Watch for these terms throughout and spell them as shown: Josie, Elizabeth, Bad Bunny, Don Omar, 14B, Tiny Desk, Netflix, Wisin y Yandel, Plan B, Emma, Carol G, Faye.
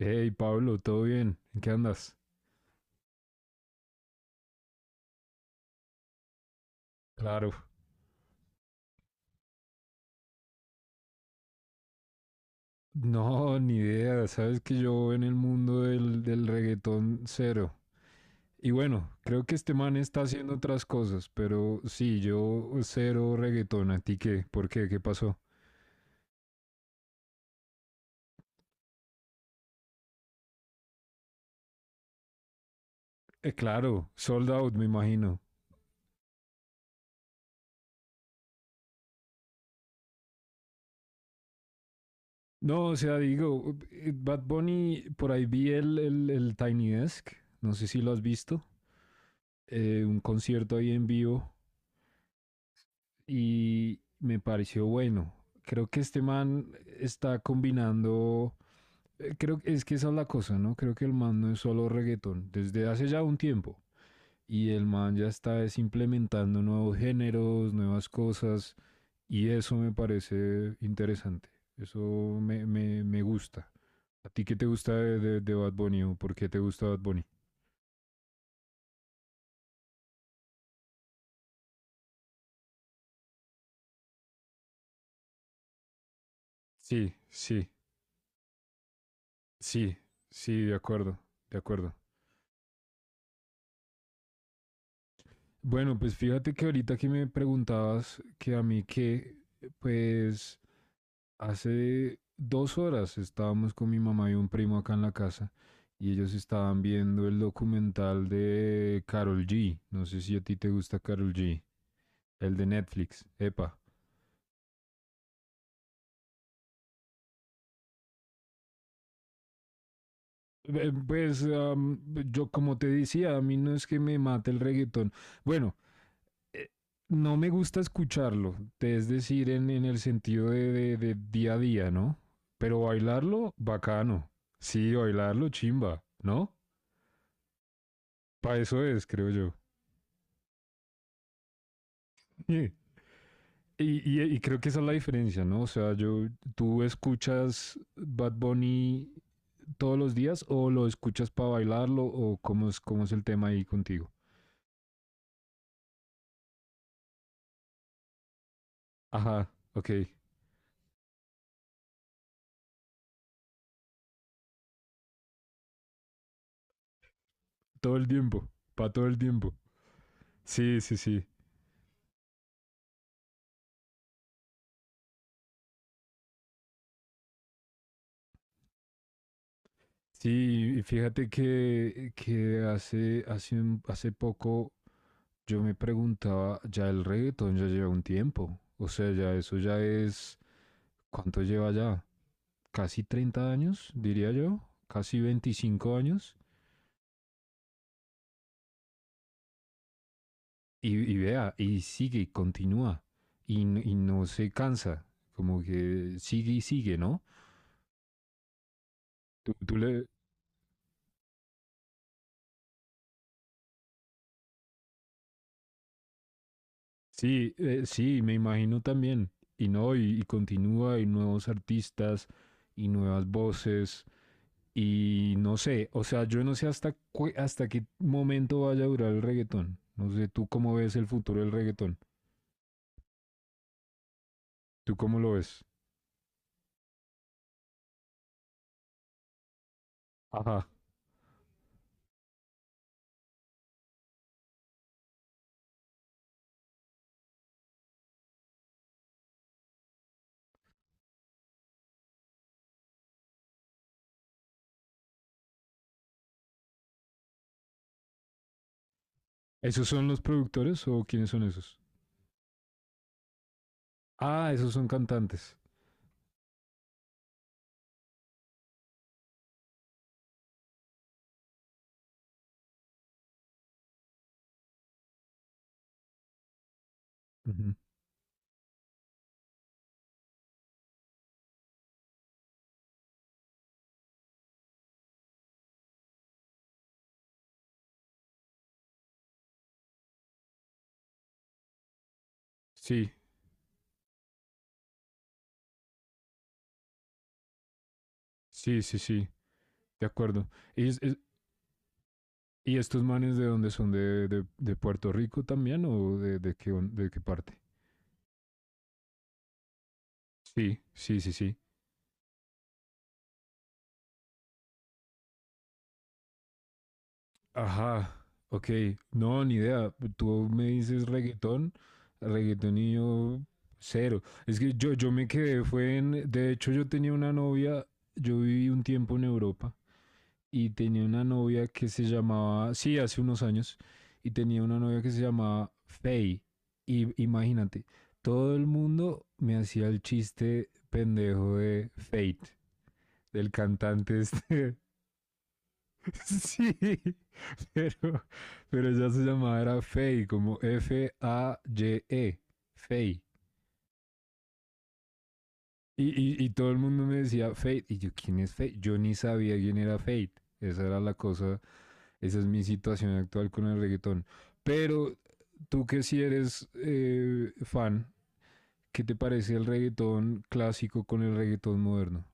Hey Pablo, ¿todo bien? ¿En qué andas? Claro. No, ni idea. Sabes que yo en el mundo del reggaetón cero. Y bueno, creo que este man está haciendo otras cosas, pero sí, yo cero reggaetón. ¿A ti qué? ¿Por qué? ¿Qué pasó? Claro, sold out, me imagino. No, o sea, digo, Bad Bunny, por ahí vi el Tiny Desk, no sé si lo has visto, un concierto ahí en vivo y me pareció bueno. Creo que este man está combinando, creo que es que esa es la cosa, ¿no? Creo que el man no es solo reggaetón, desde hace ya un tiempo. Y el man ya está implementando nuevos géneros, nuevas cosas, y eso me parece interesante. Eso me gusta. ¿A ti qué te gusta de Bad Bunny o por qué te gusta Bad Bunny? Sí, sí, sí, sí, de acuerdo, de acuerdo. Bueno, pues fíjate que ahorita que me preguntabas que a mí qué, pues hace 2 horas estábamos con mi mamá y un primo acá en la casa y ellos estaban viendo el documental de Carol G. No sé si a ti te gusta Carol G. El de Netflix. Epa. Pues yo como te decía, a mí no es que me mate el reggaetón. Bueno, eh, no me gusta escucharlo, es decir, en el sentido de día a día, ¿no? Pero bailarlo, bacano. Sí, bailarlo, chimba, ¿no? Para eso es, creo yo. Yeah. Y creo que esa es la diferencia, ¿no? O sea, yo, ¿tú escuchas Bad Bunny todos los días o lo escuchas para bailarlo o cómo es el tema ahí contigo? Ajá, ok. Todo el tiempo, para todo el tiempo. Sí, sí, sí. Sí, y fíjate que hace poco yo me preguntaba, ya el reggaetón ya lleva un tiempo, o sea, ya eso ya es, ¿cuánto lleva ya? Casi 30 años, diría yo, casi 25 años, y vea, y sigue, y continúa, y no se cansa, como que sigue y sigue, ¿no? Tú, tú le... Sí, sí, me imagino también, y no, y continúa, y nuevos artistas, y nuevas voces. Y no sé, o sea, yo no sé hasta qué momento vaya a durar el reggaetón. No sé, ¿tú cómo ves el futuro del reggaetón? ¿Tú cómo lo ves? Ajá. ¿Esos son los productores o quiénes son esos? Ah, esos son cantantes. Ujú. Sí, sí, sí, sí, de acuerdo. ¿Y, es- es- y estos manes de dónde son? ¿De Puerto Rico también o de qué parte? Sí, sí, sí, sí. Ajá, ok. No, ni idea. Tú me dices reggaetón, reggaetón y yo cero. Es que yo me quedé. De hecho, yo tenía una novia, yo viví un tiempo en Europa y tenía una novia que se llamaba, sí, hace unos años, y tenía una novia que se llamaba Faye. Y imagínate, todo el mundo me hacía el chiste pendejo de Fate, del cantante este. Sí. pero, pero ya se llamaba era Fey, como Faye, Fey. Y todo el mundo me decía Fate. Y yo, ¿quién es Fate? Yo ni sabía quién era Fate. Esa era la cosa, esa es mi situación actual con el reggaetón. Pero tú que si sí eres fan, ¿qué te parece el reggaetón clásico con el reggaetón moderno?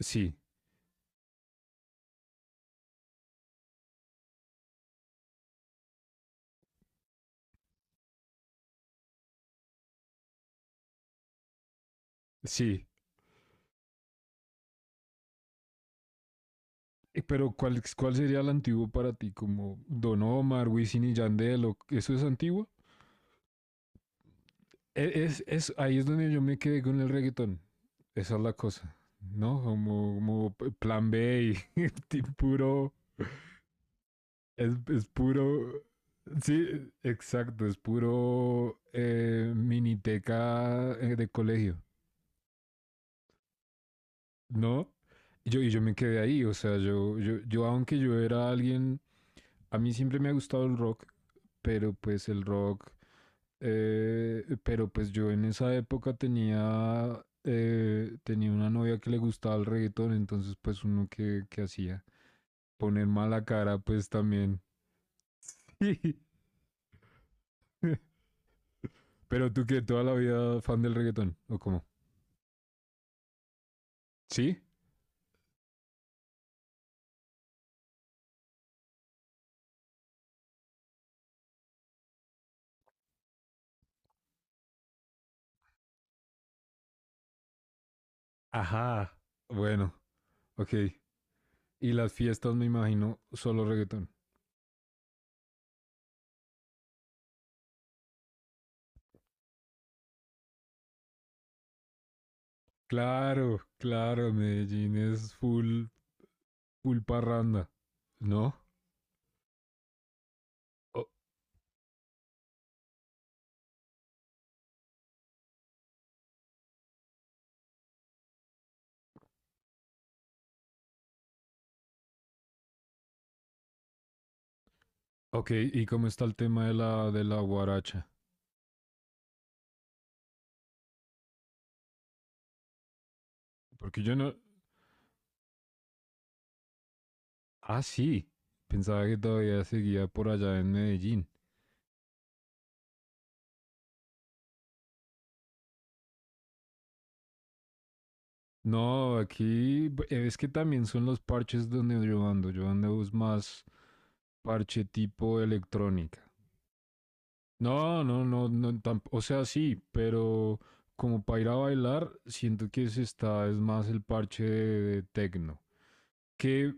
Sí, sí. Pero ¿cuál sería el antiguo para ti? ¿Como Don Omar, Wisin y Yandel? O, ¿eso es antiguo? Ahí es donde yo me quedé con el reggaetón. Esa es la cosa, ¿no? Como plan B y, puro, es puro, sí, exacto, es puro miniteca de colegio, ¿no? Y yo me quedé ahí, o sea, yo, aunque yo era alguien, a mí siempre me ha gustado el rock, pero pues el rock. Pero pues yo en esa época tenía una novia que le gustaba el reggaetón, entonces pues uno que hacía poner mala cara pues también. Pero tú que toda la vida fan del reggaetón, ¿o cómo? ¿Sí? Ajá. Bueno, ok. Y las fiestas me imagino solo reggaetón. Claro, claro, Medellín es full, full parranda, ¿no? O- ok, ¿y cómo está el tema de la guaracha? Porque yo no. Ah, sí. Pensaba que todavía seguía por allá en Medellín. No, aquí es que también son los parches donde yo ando. Yo ando es más parche tipo electrónica. No, no, no, no, o sea, sí, pero como para ir a bailar, siento que se está, es más el parche de tecno. Que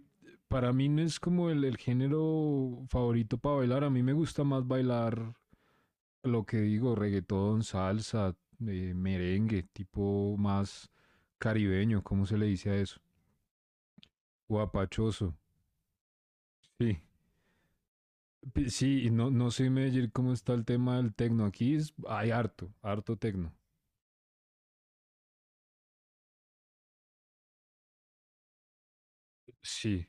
para mí no es como el género favorito para bailar. A mí me gusta más bailar. Lo que digo, reggaetón, salsa, merengue, tipo más caribeño, ¿cómo se le dice a eso? Guapachoso, sí. Sí, y no, no sé, Meyer, cómo está el tema del tecno. Aquí hay harto, harto tecno. Sí,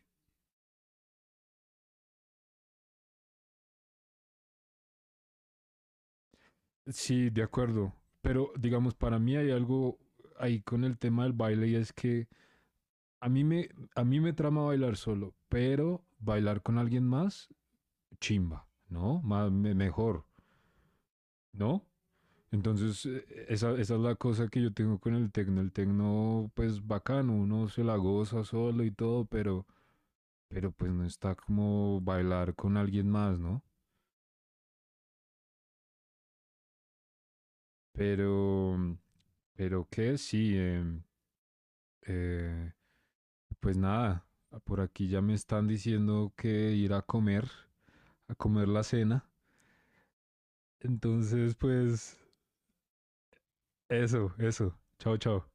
sí, de acuerdo. Pero digamos, para mí hay algo ahí con el tema del baile y es que a mí me, a mí me trama bailar solo, pero bailar con alguien más, chimba, ¿no? Más, mejor, ¿no? Entonces, esa es la cosa que yo tengo con el tecno. El tecno, pues bacano, uno se la goza solo y todo, pero pues no está como bailar con alguien más, ¿no? Pero, pero qué sí, eh, pues nada, ah, por aquí ya me están diciendo que ir a comer la cena. Entonces, pues eso, eso. Chao, chao.